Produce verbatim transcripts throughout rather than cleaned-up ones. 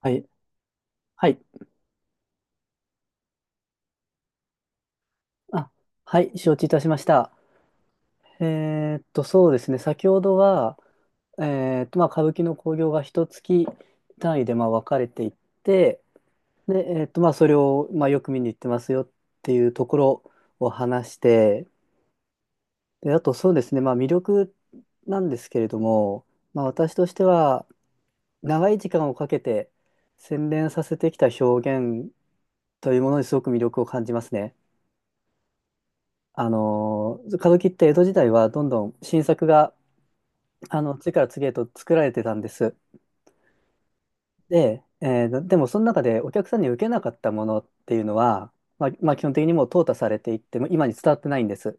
はい。はい。あ、はい。承知いたしました。えーっと、そうですね。先ほどは、えーっと、まあ、歌舞伎の興行が一月単位で、まあ、分かれていって、で、えーっと、まあ、それを、まあ、よく見に行ってますよっていうところを話して、で、あと、そうですね。まあ、魅力なんですけれども、まあ、私としては、長い時間をかけて洗練させてきた表現というものにすごく魅力を感じますね。あのー、歌舞伎って江戸時代はどんどん新作が、あの、次から次へと作られてたんです。で、えーでもその中でお客さんに受けなかったものっていうのは、まあ、まあ基本的にもう淘汰されていって、もう今に伝わってないんです。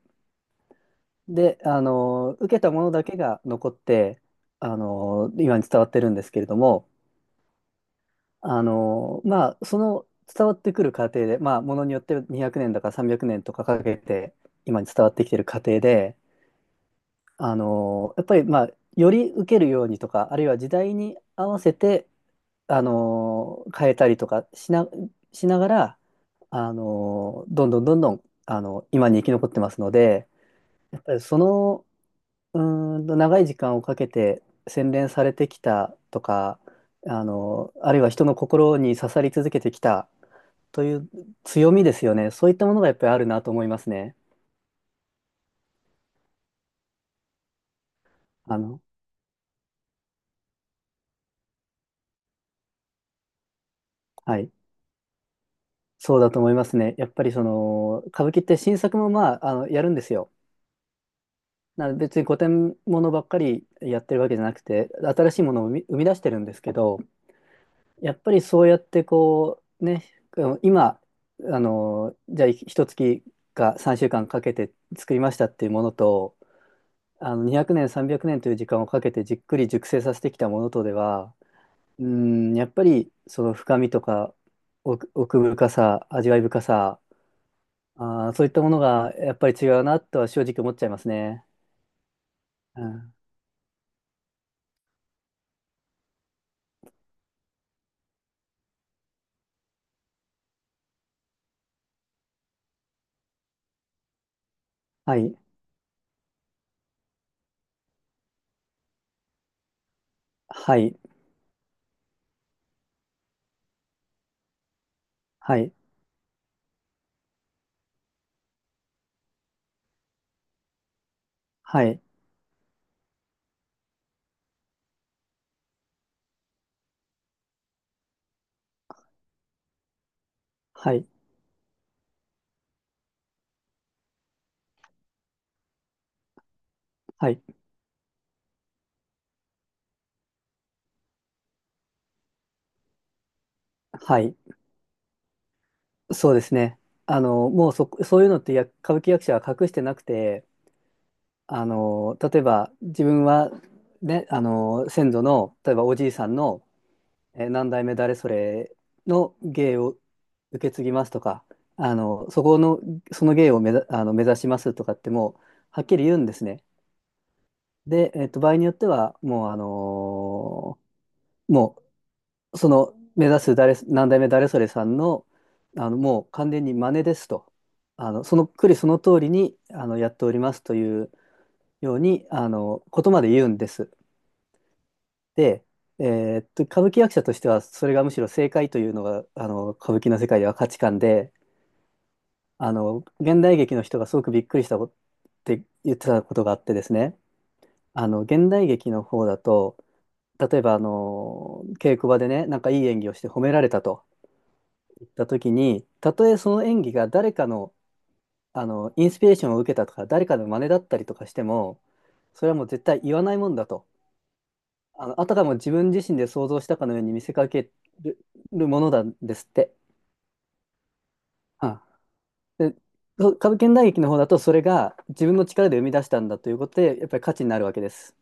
で、あのー、受けたものだけが残って、あのー、今に伝わってるんですけれども、あのー、まあ、その伝わってくる過程で、まあ、ものによってにひゃくねんだかさんびゃくねんとかかけて、今に伝わってきてる過程で、あのやっぱりまあより受けるようにとか、あるいは時代に合わせてあの変えたりとかしな、しながらあのどんどんどんどんあの今に生き残ってますので、やっぱりそのうーんと長い時間をかけて洗練されてきたとか、あのあるいは人の心に刺さり続けてきたという強みですよね。そういったものがやっぱりあるなと思いますね。あのはい。そうだと思いますね。やっぱりその歌舞伎って新作もまあ、あのやるんですよ。な別に古典ものばっかりやってるわけじゃなくて、新しいものを生み、生み出してるんですけど、やっぱりそうやってこうね、あの今あのじゃあ一月かさんしゅうかんかんかけて作りましたっていうものと、あのにひゃくねんさんびゃくねんという時間をかけてじっくり熟成させてきたものとでは、うんやっぱりその深みとか奥奥深さ、味わい深さ、ああ、そういったものがやっぱり違うなとは正直思っちゃいますね。うん。はい。はい。はい。はい。はい。はい。はい。そうですね。あの、もうそ、そういうのってや歌舞伎役者は隠してなくて、あの、例えば自分は、ね、あの、先祖の、例えばおじいさんの、えー、何代目誰それの芸を受け継ぎますとか、あの、そこの、その芸を目ざ、あの、目指しますとかってもう、はっきり言うんですね。で、えっと、場合によっては、もう、あのーもう、その、目指す誰、何代目誰それさんの、あの、もう完全に真似ですと、あの、そのくりその通りに、あの、やっておりますというように、あの、ことまで言うんです。で、えっと、歌舞伎役者としては、それがむしろ正解というのが、あの、歌舞伎の世界では価値観で、あの、現代劇の人がすごくびっくりしたことって言ってたことがあってですね、あの、現代劇の方だと、例えば、あの、稽古場でね、なんかいい演技をして褒められたと言った時に、たとえその演技が誰かの、あの、インスピレーションを受けたとか、誰かの真似だったりとかしても、それはもう絶対言わないもんだと。あの、あたかも自分自身で想像したかのように見せかけるものなんですって。はで、そう、歌舞伎大劇の方だと、それが自分の力で生み出したんだということで、やっぱり価値になるわけです。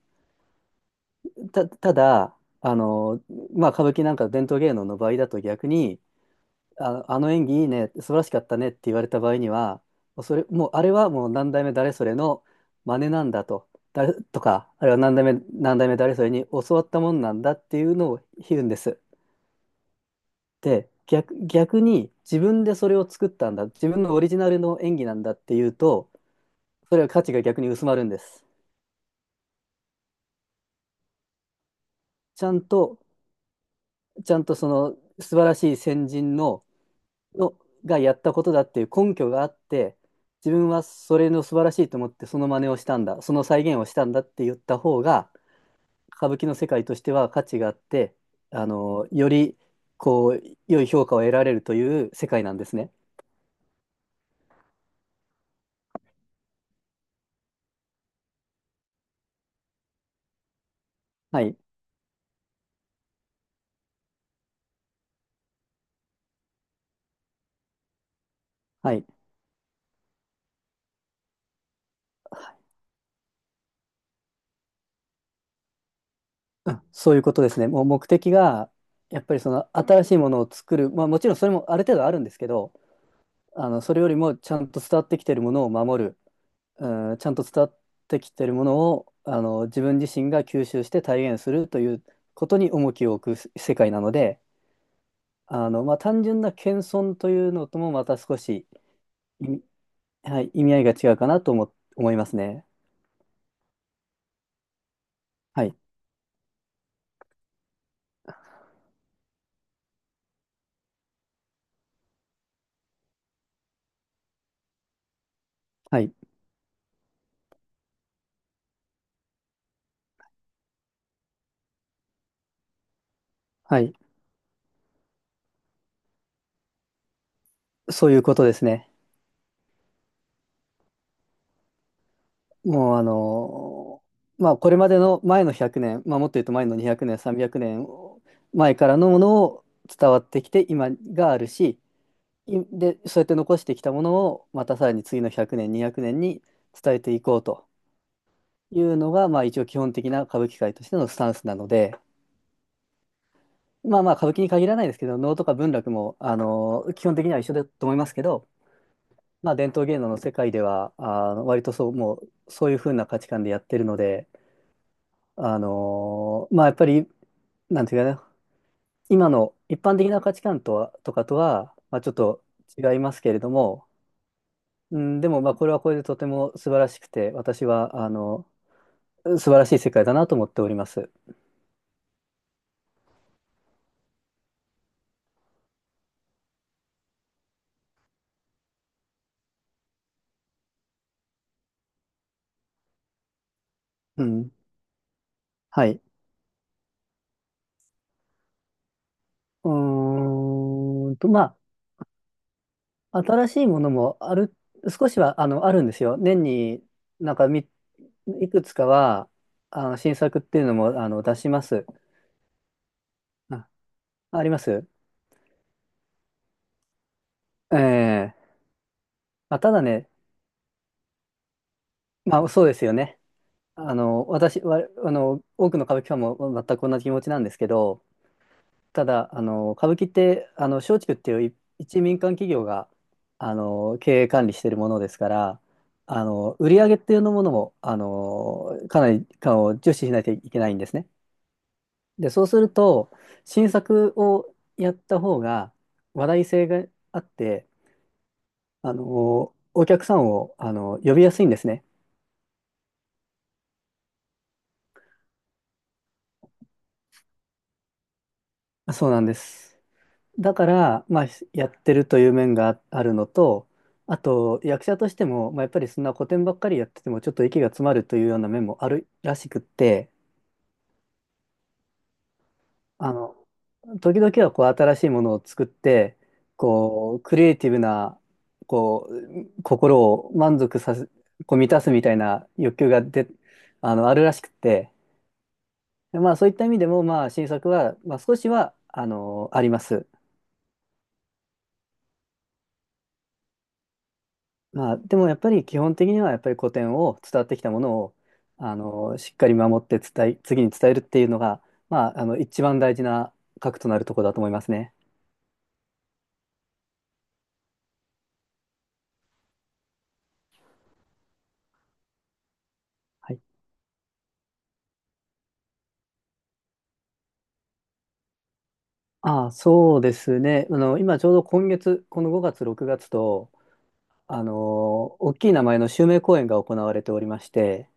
た、ただ、あの、まあ、歌舞伎なんか伝統芸能の場合だと逆に、あ、あの演技いいね、素晴らしかったねって言われた場合には、もうそれ、もうあれはもう何代目誰それの真似なんだと、誰とか、あるいは何代目何代目誰それに教わったもんなんだっていうのを言うんです。で、逆、逆に自分でそれを作ったんだ、自分のオリジナルの演技なんだっていうと、それは価値が逆に薄まるんです。ちゃんと、ちゃんとその素晴らしい先人ののがやったことだっていう根拠があって、自分はそれの素晴らしいと思ってその真似をしたんだ、その再現をしたんだって言った方が、歌舞伎の世界としては価値があって、あのよりこう良い評価を得られるという世界なんですね。はい、はい、うんそういうことですね。もう目的が、やっぱりその新しいものを作る、まあ、もちろんそれもある程度あるんですけど、あのそれよりもちゃんと伝わってきているものを守る、うん、ちゃんと伝わってきてるものをあの自分自身が吸収して体現するということに重きを置く世界なので、あの、まあ、単純な謙遜というのともまた少し意味、はい、意味合いが違うかなと思、思いますね。はい、はい、はい、そういうことですね。もうあのまあこれまでの前のひゃくねん、まあ、もっと言うと前のにひゃくねんさんびゃくねんまえからのものを伝わってきて今があるし、いで、そうやって残してきたものを、またさらに次のひゃくねん、にひゃくねんに伝えていこうというのが、まあ一応基本的な歌舞伎界としてのスタンスなので、まあまあ歌舞伎に限らないですけど、能とか文楽も、あの、基本的には一緒だと思いますけど、まあ伝統芸能の世界では、あの、割とそう、もうそういう風な価値観でやってるので、あの、まあやっぱり、なんていうかな、今の一般的な価値観とは、とかとは、まあちょっと違いますけれども、うん、でも、まあ、これはこれでとても素晴らしくて、私は、あの、素晴らしい世界だなと思っております。うん。はい。うーんと、まあ、新しいものもある、少しは、あの、あるんですよ。年になんかみ、いくつかは、あの、新作っていうのも、あの、出します。あ、あります。ええまあ、ただね、まあ、そうですよね。あの、私は、あの、多くの歌舞伎ファンも全く同じ気持ちなんですけど、ただ、あの、歌舞伎って、あの、松竹っていう一一民間企業が、あの、経営管理しているものですから、あの、売り上げっていうのものも、あの、かなり、かを重視しないといけないんですね。で、そうすると、新作をやった方が、話題性があって、あの、お客さんを、あの、呼びやすいんですね。そうなんです。だから、まあ、しやってるという面がああるのと、あと役者としても、まあ、やっぱりそんな古典ばっかりやっててもちょっと息が詰まるというような面もあるらしくって、あの、時々はこう新しいものを作って、こうクリエイティブなこう心を満足させ、こう満たすみたいな欲求がで、あの、あるらしくって、でまあそういった意味でも、まあ新作は、まあ、少しはあの、あります。まあ、でもやっぱり基本的にはやっぱり古典を、伝わってきたものをあのしっかり守って伝え、次に伝えるっていうのが、まあ、あの一番大事な核となるところだと思いますね。はい、ああ、そうですね。あの今ちょうど今月、このごがつ、ろくがつとあの大きい名前の襲名公演が行われておりまして、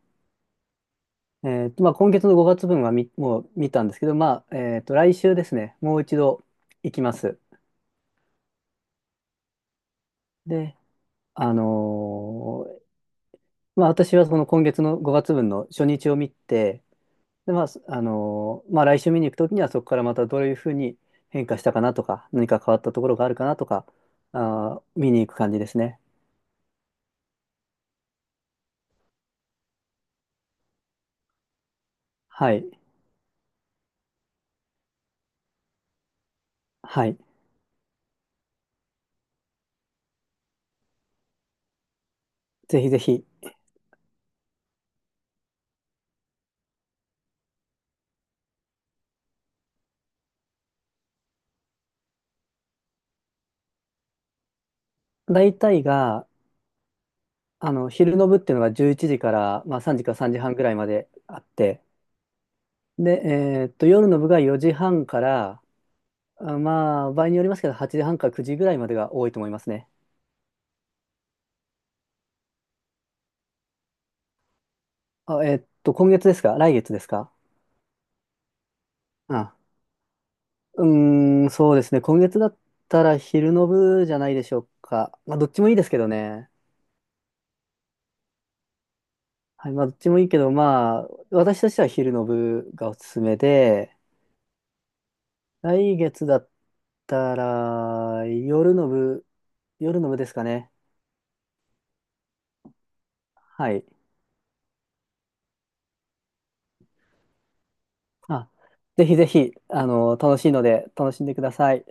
えーとまあ、今月のごがつぶんはみもう見たんですけど、まあえーと、来週ですね、もう一度行きます。で、あのまあ、私はその今月のごがつぶんの初日を見て、で、まあ、すあのーまあ、来週見に行くときには、そこからまたどういうふうに変化したかなとか、何か変わったところがあるかなとか、あー、見に行く感じですね。はい。はい。ぜひぜひ。大体が、あの、昼の部っていうのがじゅういちじから、まあ、さんじかさんじはんぐらいまであって、で、えーっと、夜の部がよじはんから、あまあ、場合によりますけど、はちじはんかくじぐらいまでが多いと思いますね。あ、えーっと、今月ですか、来月ですか？うんうーん、そうですね。今月だったら昼の部じゃないでしょうか。まあ、どっちもいいですけどね。はい、まあ、どっちもいいけど、まあ、私としては昼の部がおすすめで、来月だったら夜の部、夜の部ですかね。はい。あ、ぜひぜひ、あの、楽しいので、楽しんでください。